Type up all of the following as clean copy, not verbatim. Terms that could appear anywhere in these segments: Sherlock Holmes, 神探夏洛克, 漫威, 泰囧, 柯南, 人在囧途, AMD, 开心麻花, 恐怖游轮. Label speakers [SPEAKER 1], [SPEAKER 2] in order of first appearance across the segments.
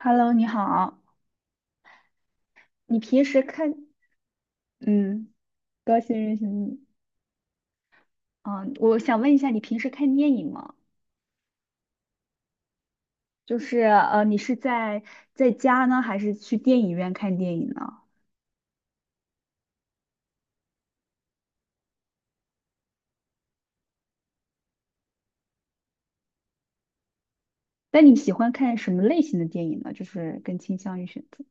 [SPEAKER 1] Hello，你好。你平时看，嗯，高兴认识你。嗯，我想问一下，你平时看电影吗？你是在在家呢，还是去电影院看电影呢？那你喜欢看什么类型的电影呢？就是更倾向于选择。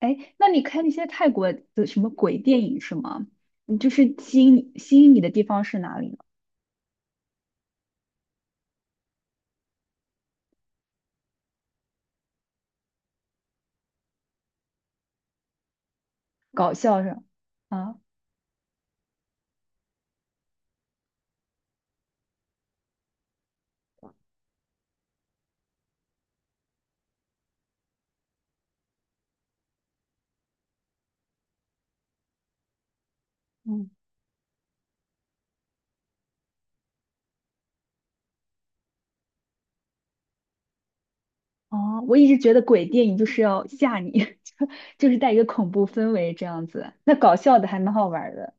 [SPEAKER 1] 哎，那你看那些泰国的什么鬼电影是吗？你就是吸引你的地方是哪里呢？搞笑是吧？啊，嗯。哦，我一直觉得鬼电影就是要吓你，就就是带一个恐怖氛围这样子。那搞笑的还蛮好玩儿的。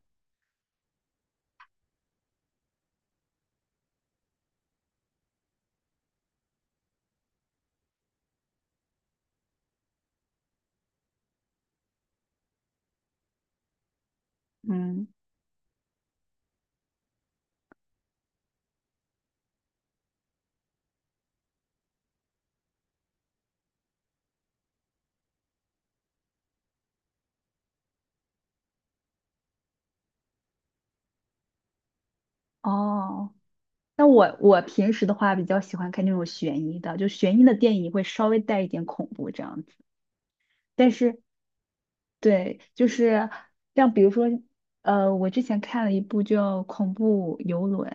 [SPEAKER 1] 嗯，哦，那我平时的话比较喜欢看那种悬疑的，就悬疑的电影会稍微带一点恐怖这样子。但是对，就是像比如说，我之前看了一部叫《恐怖游轮》，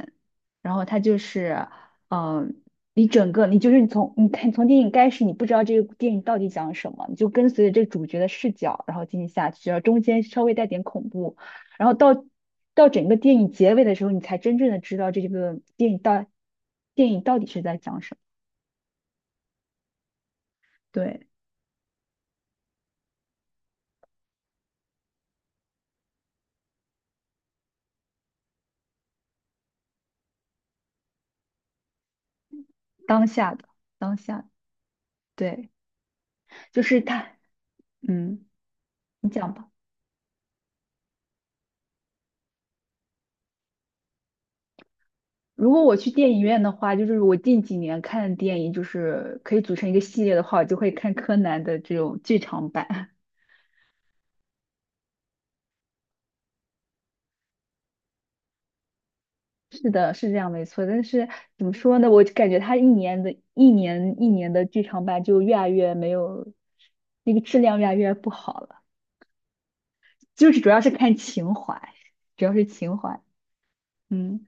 [SPEAKER 1] 然后它就是，嗯、你整个你就是你从你看从电影开始，你不知道这个电影到底讲什么，你就跟随着这主角的视角，然后进行下去，然后中间稍微带点恐怖，然后到到整个电影结尾的时候，你才真正的知道这个电影到底是在讲什么。对，当下的当下，对，就是它，嗯。你讲吧。如果我去电影院的话，就是我近几年看的电影，就是可以组成一个系列的话，我就会看柯南的这种剧场版。是的，是这样没错。但是怎么说呢？我就感觉他一年的剧场版就越来越没有那个质量，越来越不好了。就是主要是看情怀，主要是情怀。嗯，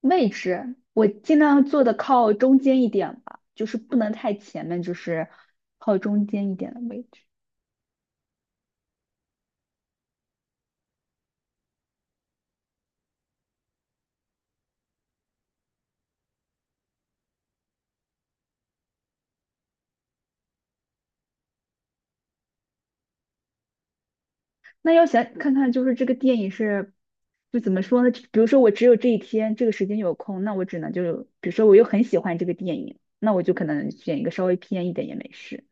[SPEAKER 1] 位置我尽量坐的靠中间一点吧，就是不能太前面，就是靠中间一点的位置。那要想看看，就是这个电影是，就怎么说呢？比如说我只有这一天这个时间有空，那我只能就，比如说我又很喜欢这个电影，那我就可能选一个稍微偏一点也没事。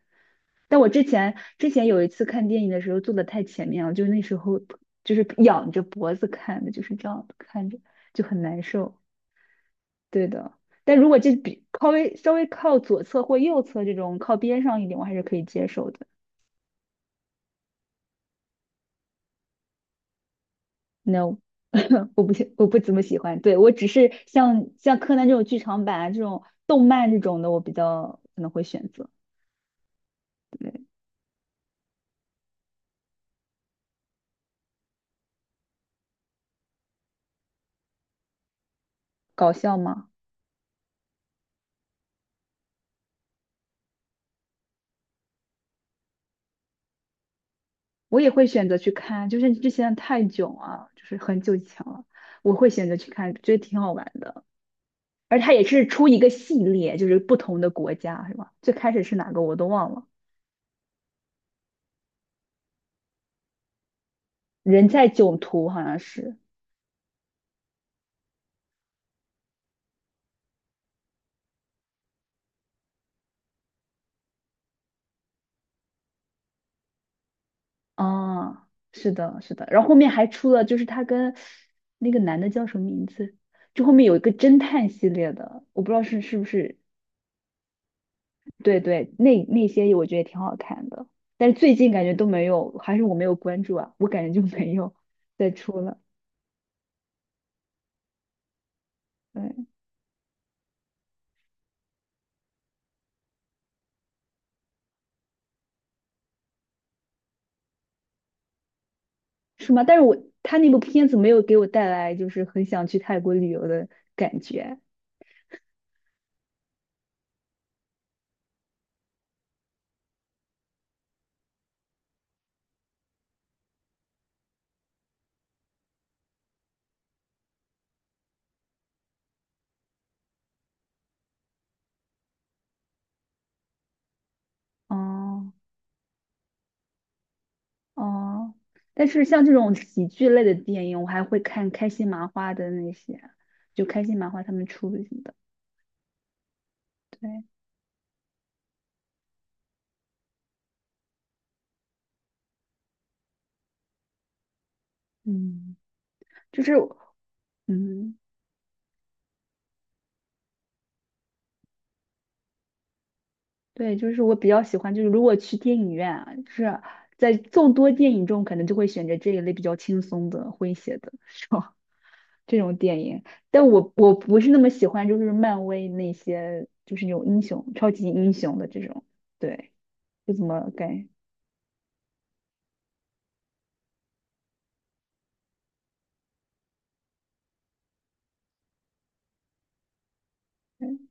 [SPEAKER 1] 但我之前有一次看电影的时候坐的太前面了，就那时候就是仰着脖子看的，就是这样看着就很难受。对的，但如果这比稍微靠左侧或右侧这种靠边上一点，我还是可以接受的。No,我不怎么喜欢。对，我只是像柯南这种剧场版啊，这种动漫这种的，我比较可能会选择。对，搞笑吗？我也会选择去看，就是之前的泰囧啊，就是很久以前了，我会选择去看，觉得挺好玩的。而它也是出一个系列，就是不同的国家，是吧？最开始是哪个我都忘了，人在囧途好像是，哦，是的，是的，然后后面还出了，就是他跟那个男的叫什么名字？就后面有一个侦探系列的，我不知道是不是，对对，那那些我觉得也挺好看的，但是最近感觉都没有，还是我没有关注啊，我感觉就没有再出了，对，是吗？但是我他那部片子没有给我带来就是很想去泰国旅游的感觉，哦、哦，但是像这种喜剧类的电影，我还会看开心麻花的那些，就开心麻花他们出的。对，嗯，就是，嗯，对，就是我比较喜欢，就是如果去电影院啊，就是在众多电影中，可能就会选择这一类比较轻松的、诙谐的这种 这种电影。但我不是那么喜欢，就是漫威那些，就是那种英雄、超级英雄的这种，对，就怎么感，嗯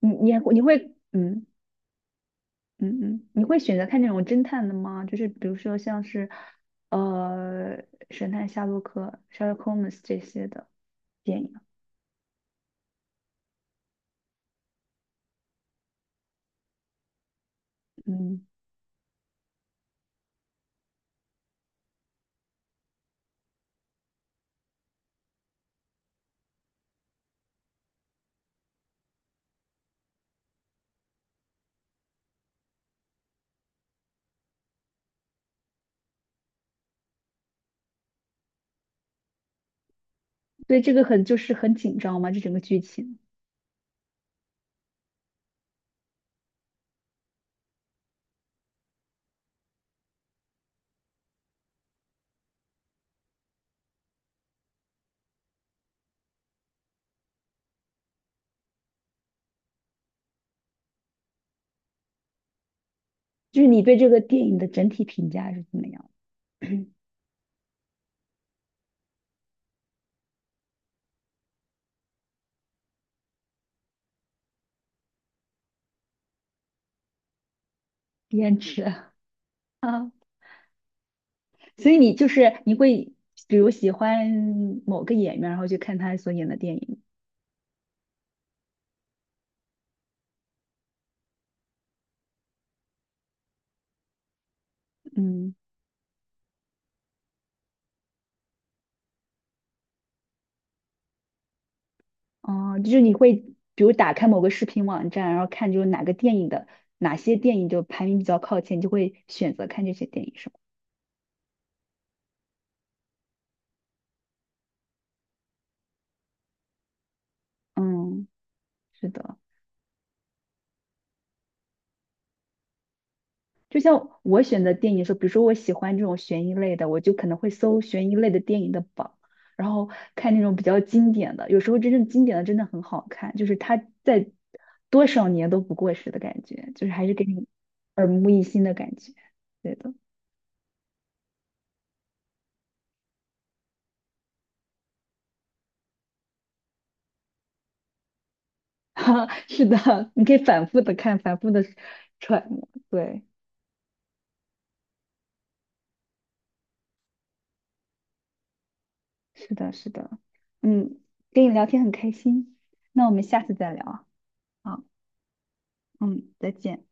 [SPEAKER 1] 你会，嗯。嗯嗯，你会选择看那种侦探的吗？就是比如说像是，呃，神探夏洛克、Sherlock Holmes 这些的电影。嗯，对这个很就是很紧张嘛，这整个剧情，就是你对这个电影的整体评价是怎么样？颜值啊，所以你就是你会比如喜欢某个演员，然后去看他所演的电影。嗯。哦，就是你会比如打开某个视频网站，然后看就是哪个电影的哪些电影就排名比较靠前，你就会选择看这些电影，是吗？嗯，是的。就像我选择电影的时候，比如说我喜欢这种悬疑类的，我就可能会搜悬疑类的电影的榜，然后看那种比较经典的。有时候真正经典的真的很好看，就是它在多少年都不过时的感觉，就是还是给你耳目一新的感觉。对的。哈，是的，你可以反复的看，反复的揣摩。对，是的，是的。嗯，跟你聊天很开心，那我们下次再聊啊。好，嗯，再见。